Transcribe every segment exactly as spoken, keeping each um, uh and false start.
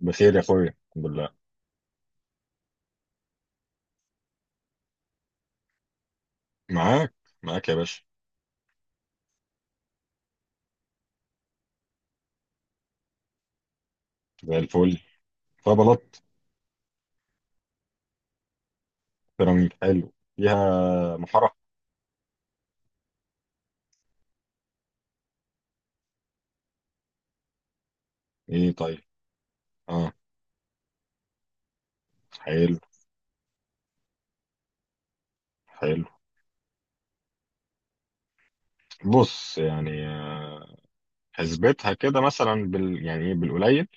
بخير يا اخويا، الحمد لله. معاك. معاك يا باشا. زي الفل. فبلط. بيراميد حلو فيها. محرة. ايه طيب. اه. حلو. حلو. بص يعني، آه، حسبتها كده مثلا بال يعني ايه بالقليل.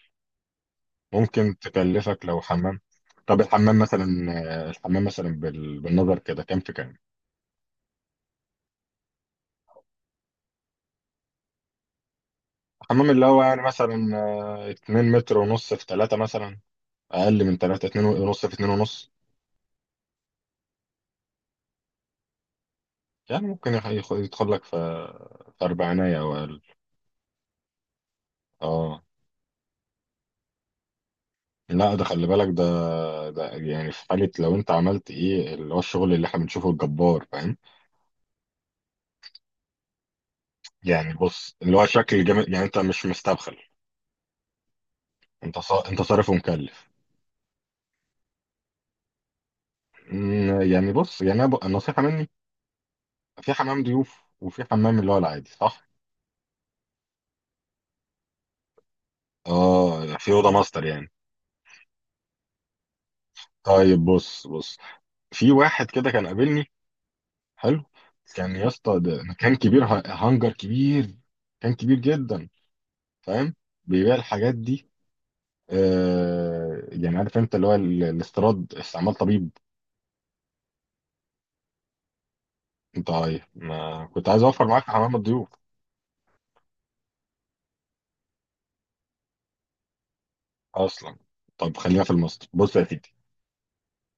ممكن تكلفك لو حمام. طب الحمام مثلا. آه، الحمام مثلا بال... بالنظر كده كام في كام. الحمام اللي هو يعني مثلا، آه، اتنين متر ونص في تلاتة مثلا. اقل من تلاتة، اتنين ونص في اتنين ونص. يعني ممكن يخ- يخ- يدخل لك في في أربعينية أو أقل. اه. لا ده خلي بالك، ده ده يعني في حالة لو انت عملت ايه اللي هو الشغل اللي احنا بنشوفه الجبار، فاهم. يعني بص اللي هو شكل جامد، يعني انت مش مستبخل. انت صا... انت صارف ومكلف. مم، يعني بص، يعني انا ب... النصيحة مني. في حمام ضيوف وفي حمام اللي هو العادي، صح. اه في أوضة ماستر يعني. طيب بص بص. في واحد كده كان قابلني. حلو. كان يا اسطى، ده مكان كبير، ه- هانجر كبير. كان كبير جدا. فاهم. بيبيع الحاجات دي. آه، يعني عارف انت اللي هو ال- الاستيراد استعمال طبيب. انت عايز، ما كنت عايز اوفر معاك في حمام الضيوف اصلا. طب خلينا في المصري. بص يا سيدي.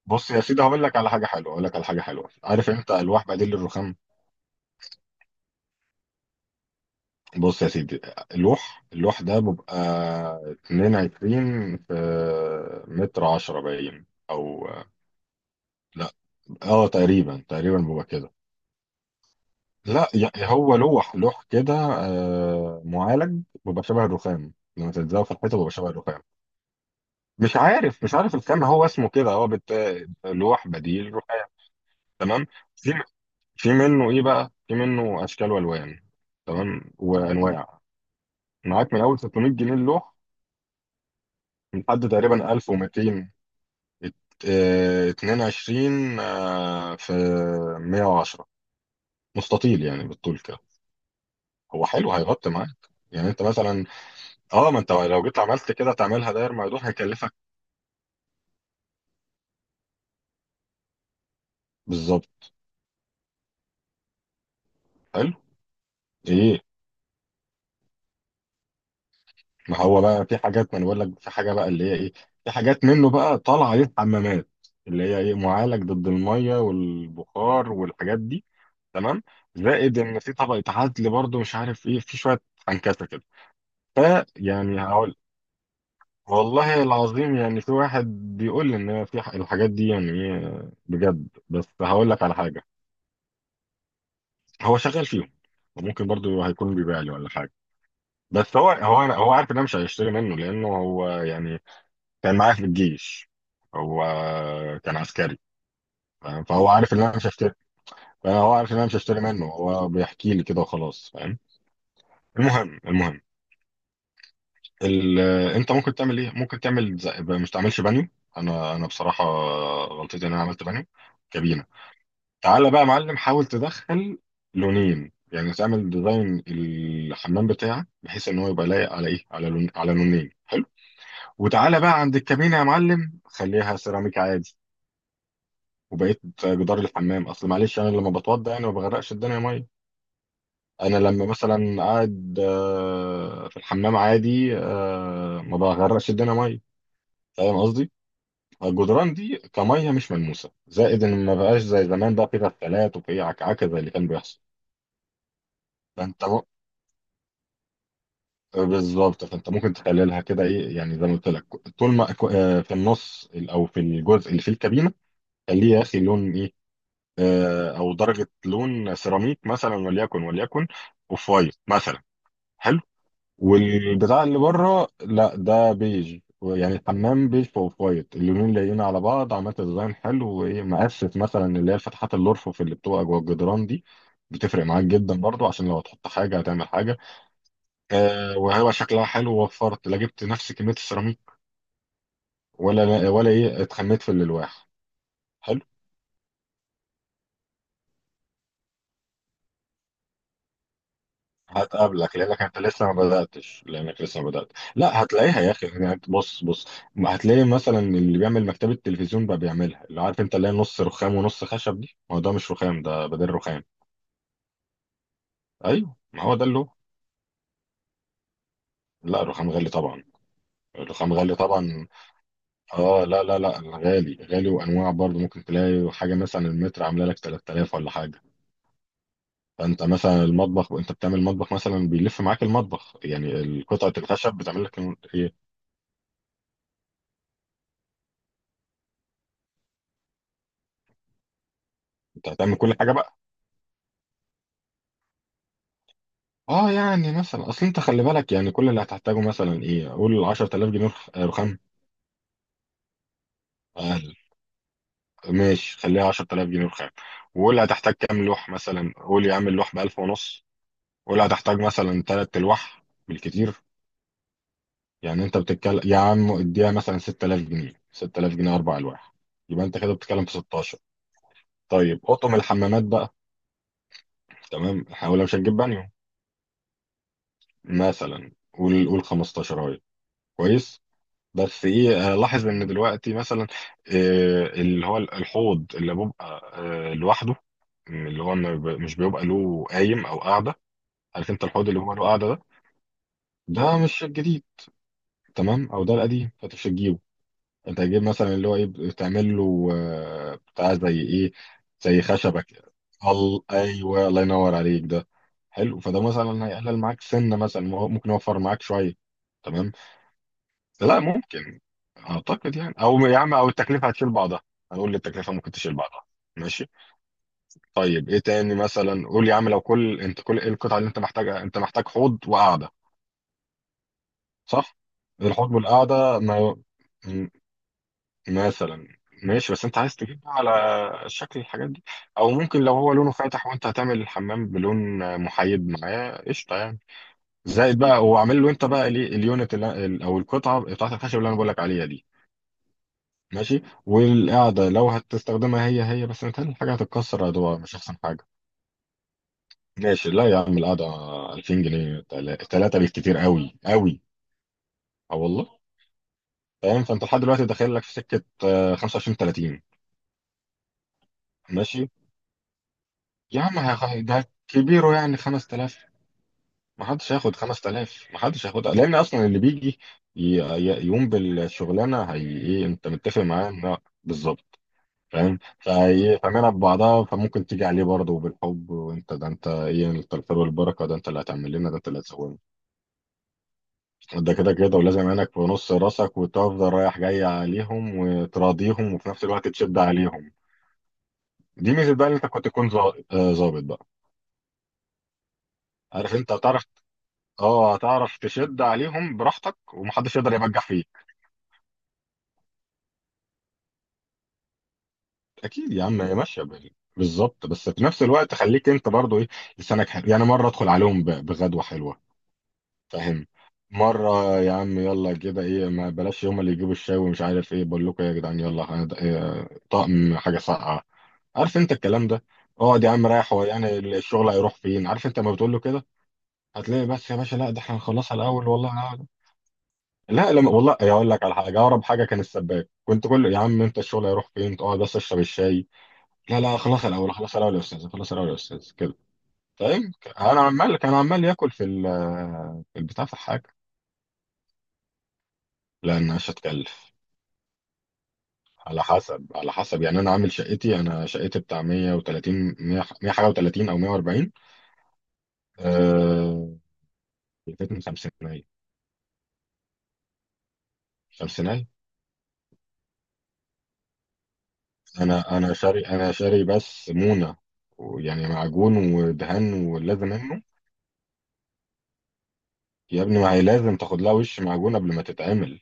بص يا سيدي، هقول لك على حاجه حلوه، هقول لك على حاجه حلوه. عارف انت الواح بديل الرخام. بص يا سيدي. اللوح اللوح ده بيبقى اتنين وعشرين في متر عشرة باين او. لا. اه، تقريبا تقريبا بيبقى كده. لا يعني هو لوح لوح كده، آه، معالج، بيبقى شبه الرخام. لما تلزقه في الحيطه بيبقى شبه الرخام. مش عارف مش عارف الكم هو اسمه كده، هو بت... لوح بديل رقاق. تمام. في في منه ايه بقى، في منه اشكال والوان. تمام، وانواع. معاك من اول ستمية جنيه اللوح لحد تقريبا الف ومتين. ات- اه، اتنين وعشرين اه، في مية وعشرة. مستطيل يعني بالطول كده. هو حلو، هيغطي معاك يعني انت مثلا. اه، ما انت لو جيت عملت كده تعملها داير مفتوح هيكلفك. بالظبط. حلو. ايه. ما هو بقى في حاجات، ما انا بقول لك في حاجه بقى اللي هي ايه. في حاجات منه بقى طالعه ليه حمامات، اللي هي ايه، معالج ضد الميه والبخار والحاجات دي. تمام. زائد ان في طبقه عزل برضه، مش عارف ايه، في شويه عنكسه كده. فيعني هقول والله العظيم يعني في واحد بيقول لي ان في ح- الحاجات دي يعني ايه بجد، بس هقول لك على حاجه. هو شغال فيهم. وممكن برضه هيكون بيبيع لي ولا حاجه، بس هو هو أنا- هو عارف ان انا مش هيشتري منه، لانه هو يعني كان معايا في الجيش. هو كان عسكري. فاهم؟ فهو عارف ان انا مش هشتري. فهو عارف ان انا مش هشتري منه، هو بيحكي لي كده وخلاص. فاهم. المهم المهم. ال... آه، انت ممكن تعمل ايه، ممكن تعمل زي... مش تعملش بانيو. انا انا بصراحه غلطتي ان انا عملت بانيو. كابينه. تعالى بقى يا معلم، حاول تدخل لونين يعني. تعمل ديزاين الحمام بتاعك بحيث ان هو يبقى لايق على ايه، على لون على لونين حلو. وتعالى بقى عند الكابينه يا معلم، خليها سيراميك عادي. وبقيت جدار الحمام. اصل معلش انا لما بتوضى يعني ما بغرقش الدنيا ميه. انا لما مثلا قاعد، آه، في الحمام عادي، آه، ما بغرقش الدنيا ميه. فاهم قصدي. الجدران دي كميه مش ملموسه، زائد ان ما بقاش زي زمان بقى في غسالات وفي عكعكه زي اللي كان بيحصل. فانت م... بالظبط. فانت ممكن تخللها كده ايه، يعني زي ما قلت لك. طول ما آه، في النص او في الجزء اللي فيه الكابينه، خليه يا اخي لون ايه، آه، او درجه لون سيراميك مثلا، وليكن وليكن اوف وايت مثلا. حلو. والبتاع اللي بره لا ده بيج، يعني الحمام بيج في اوف وايت، اللونين لايقين على بعض، عملت ديزاين حلو، وايه مقفف مثلا اللي هي الفتحات الارفف اللي بتبقى جوه الجدران دي. بتفرق معاك جدا برضو، عشان لو هتحط حاجه هتعمل حاجه. آه، وهو شكلها حلو ووفرت، لا جبت نفس كميه السيراميك ولا ولا ايه، اتخميت في الالواح. حلو. هتقابلك لانك انت لسه ما بداتش، لانك لسه ما بدات. لا هتلاقيها يا اخي، يعني أنت بص بص. ما هتلاقي مثلا اللي بيعمل مكتبه تلفزيون بقى بيعملها، اللي عارف انت اللي هي نص رخام ونص خشب دي، ما هو ده مش رخام، ده بدل رخام. ايوه، ما هو ده اللي هو. لا الرخام غالي طبعا. الرخام غالي طبعا. اه، لا لا لا، غالي غالي، وانواع برضه ممكن تلاقي حاجه مثلا المتر عامله لك تلات الاف ولا حاجه. فانت مثلا المطبخ، وانت بتعمل مطبخ مثلا بيلف معاك المطبخ، يعني قطعه الخشب بتعمل لك ال- ايه. انت هتعمل كل حاجه. اه، يعني مثلا اصل انت خلي بالك، يعني كل اللي هتحتاجه مثلا ايه، قول عشرة الاف جنيه رخ- آه، رخام. اقل، ماشي خليها عشرة الاف جنيه رخام. وقول هتحتاج كام لوح، مثلا قول يا عم اللوح ب الف ونص. قول هتحتاج مثلا تلات الواح بالكتير. يعني انت بتتكلم يا عم اديها مثلا ستة الاف جنيه، ستة الاف جنيه اربع الواح. يبقى انت كده بتتكلم في ستاشر. طيب اطقم الحمامات بقى. تمام، احنا ولا مش هنجيب بانيو. مثلا قول قول خمستاشر اهي. كويس. بس ايه، آه، لاحظ ان دلوقتي مثلا، آه، اللي هو الحوض اللي بيبقى آه، لوحده، اللي هو ما بي- مش بيبقى له قايم او قاعده. عارف انت الحوض اللي هو له قاعده ده. ده مش الجديد. تمام، او ده القديم فانت مش هتجيبه. انت هتجيب مثلا اللي هو ايه، بتعمل له آه، بتاع زي ايه، زي خشبه كده. ال- ايوه الله ينور عليك ده. حلو. فده مثلا هيقلل معاك سنه مثلا، ممكن يوفر معاك شويه. تمام، لا ممكن. اعتقد يعني، او يا عم او التكلفه هتشيل بعضها. هنقول للتكلفه ممكن تشيل بعضها. ماشي. طيب ايه تاني، مثلا قول يا عم لو كل انت كل ايه، القطعه اللي انت محتاجها. انت محتاج حوض وقعده. صح. الحوض والقعده ما، م- مثلا. ماشي، بس انت عايز تجيب بقى على شكل الحاجات دي. او ممكن لو هو لونه فاتح وانت هتعمل الحمام بلون محايد معاه قشطه يعني. زائد بقى هو عامل له انت بقى ليه اليونت اللي- او القطعه بتاعت الخشب اللي انا بقول لك عليها دي. ماشي. والقعدة لو هتستخدمها هي هي بس، متهيألي الحاجة هتتكسر، هتبقى مش أحسن حاجة. ماشي، لا يا عم، القعدة الفين جنيه، تلاتة بالكتير قوي قوي. اه والله. فاهم، فأنت لحد دلوقتي داخل لك في سكة آه، خمسة وعشرين تلاتين. ماشي. يا عم ه- ده كبيره يعني خمست الاف. ما حدش هياخد خمست الاف، ما حدش هياخدها، لأن أصلا اللي بيجي ي- ي- يقوم بالشغلانة. هي إيه، أنت متفق معاه إن هو- بالظبط. فاهم، فايه، فاهمينها ببعضها. فممكن تيجي عليه برضه بالحب، وانت ده انت ايه، انت الخير والبركه، ده انت اللي هتعمل لنا، ده انت اللي هتسوي لنا، ده كده كده. ولازم عينك في نص راسك، وتفضل رايح جاي عليهم وتراضيهم، وفي نفس الوقت تشد عليهم. دي ميزه بقى ان انت كنت تكون ظا- آه، ظابط بقى. عارف انت، هتعرف. اه، هتعرف تشد عليهم براحتك، ومحدش يقدر يبجح فيك. اكيد يا عم، هي ماشيه بال- بالظبط. بس في نفس الوقت خليك انت برضه ايه، لسانك حلو يعني. مره ادخل عليهم ب- بغدوه حلوه. فاهم. مرة يا عم يلا كده ايه، ما بلاش هما اللي يجيبوا الشاي ومش عارف ايه، بقول لكم إيه يا جدعان، يلا هن- إيه، طقم حاجة ساقعة. عارف انت الكلام ده. اقعد يا عم رايح، هو يعني الشغل هيروح فين، عارف انت لما بتقول له كده. هتلاقي بس يا باشا، لا ده احنا هنخلصها الاول، والله أنا- لا لما. والله اقول لك على حاجة، اقرب حاجة كان السباك، كنت كل يا عم انت الشغل هيروح فين، تقعد بس اشرب الشاي. لا، لا، خلص الاول، خلص الاول يا استاذ، خلص الاول يا استاذ كده. فاهم. انا عمال، كان عمال ياكل في ال- في البتاع، في الحاجة. لان مش هتكلف. على حسب، على حسب، يعني انا عامل شقتي، انا شقتي بتاع مية وتلاتين، مية، مية حاجه و30 او مية واربعين. آه، من خمسينية. خمسينية. انا انا شاري، انا شاري بس مونه، ويعني معجون ودهان واللازم منه. يا ابني ما هي لازم تاخد لها وش معجون قبل ما تتعمل.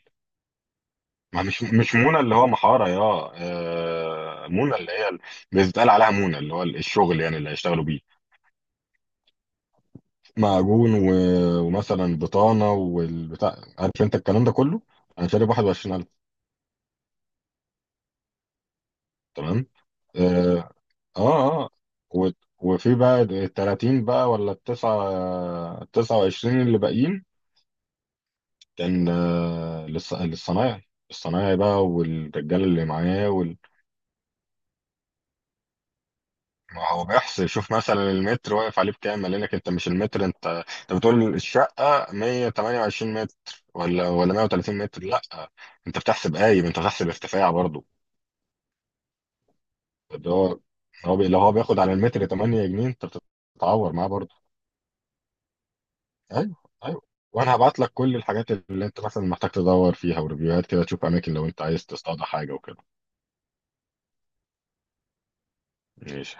ما مش مش مونه اللي هو محاره، يا آه، مونه اللي هي ال- بيتقال عليها مونه اللي هو الشغل يعني اللي هيشتغلوا بيه. معجون و... ومثلا بطانه والبتاع، عارف انت الكلام ده كله. انا شارب واحد وعشرين الف. تمام. اه. اه. آه. و... وفي بقى ال تلاتين بقى، ولا التسعة التسعة وعشرين اللي باقيين، كان آه، للص... للصنايعي، الصنايعي بقى والرجال اللي معاه وال... ما هو بيحصل يشوف مثلا المتر واقف عليه بكام، قال لك انت مش المتر انت، انت بتقول الشقه مية وتمنية وعشرين متر، ولا ولا مية وتلاتين متر، لا انت بتحسب قايم، انت بتحسب ارتفاع برضه اللي هو. هو بي... لو هو بياخد على المتر تمنية جنيه انت بتتعور معاه برضه. ايوه. ايوه. وانا هبعت لك كل الحاجات اللي انت مثلا محتاج تدور فيها وريفيوهات كده، تشوف اماكن لو انت عايز تصطاد حاجه وكده. ماشي.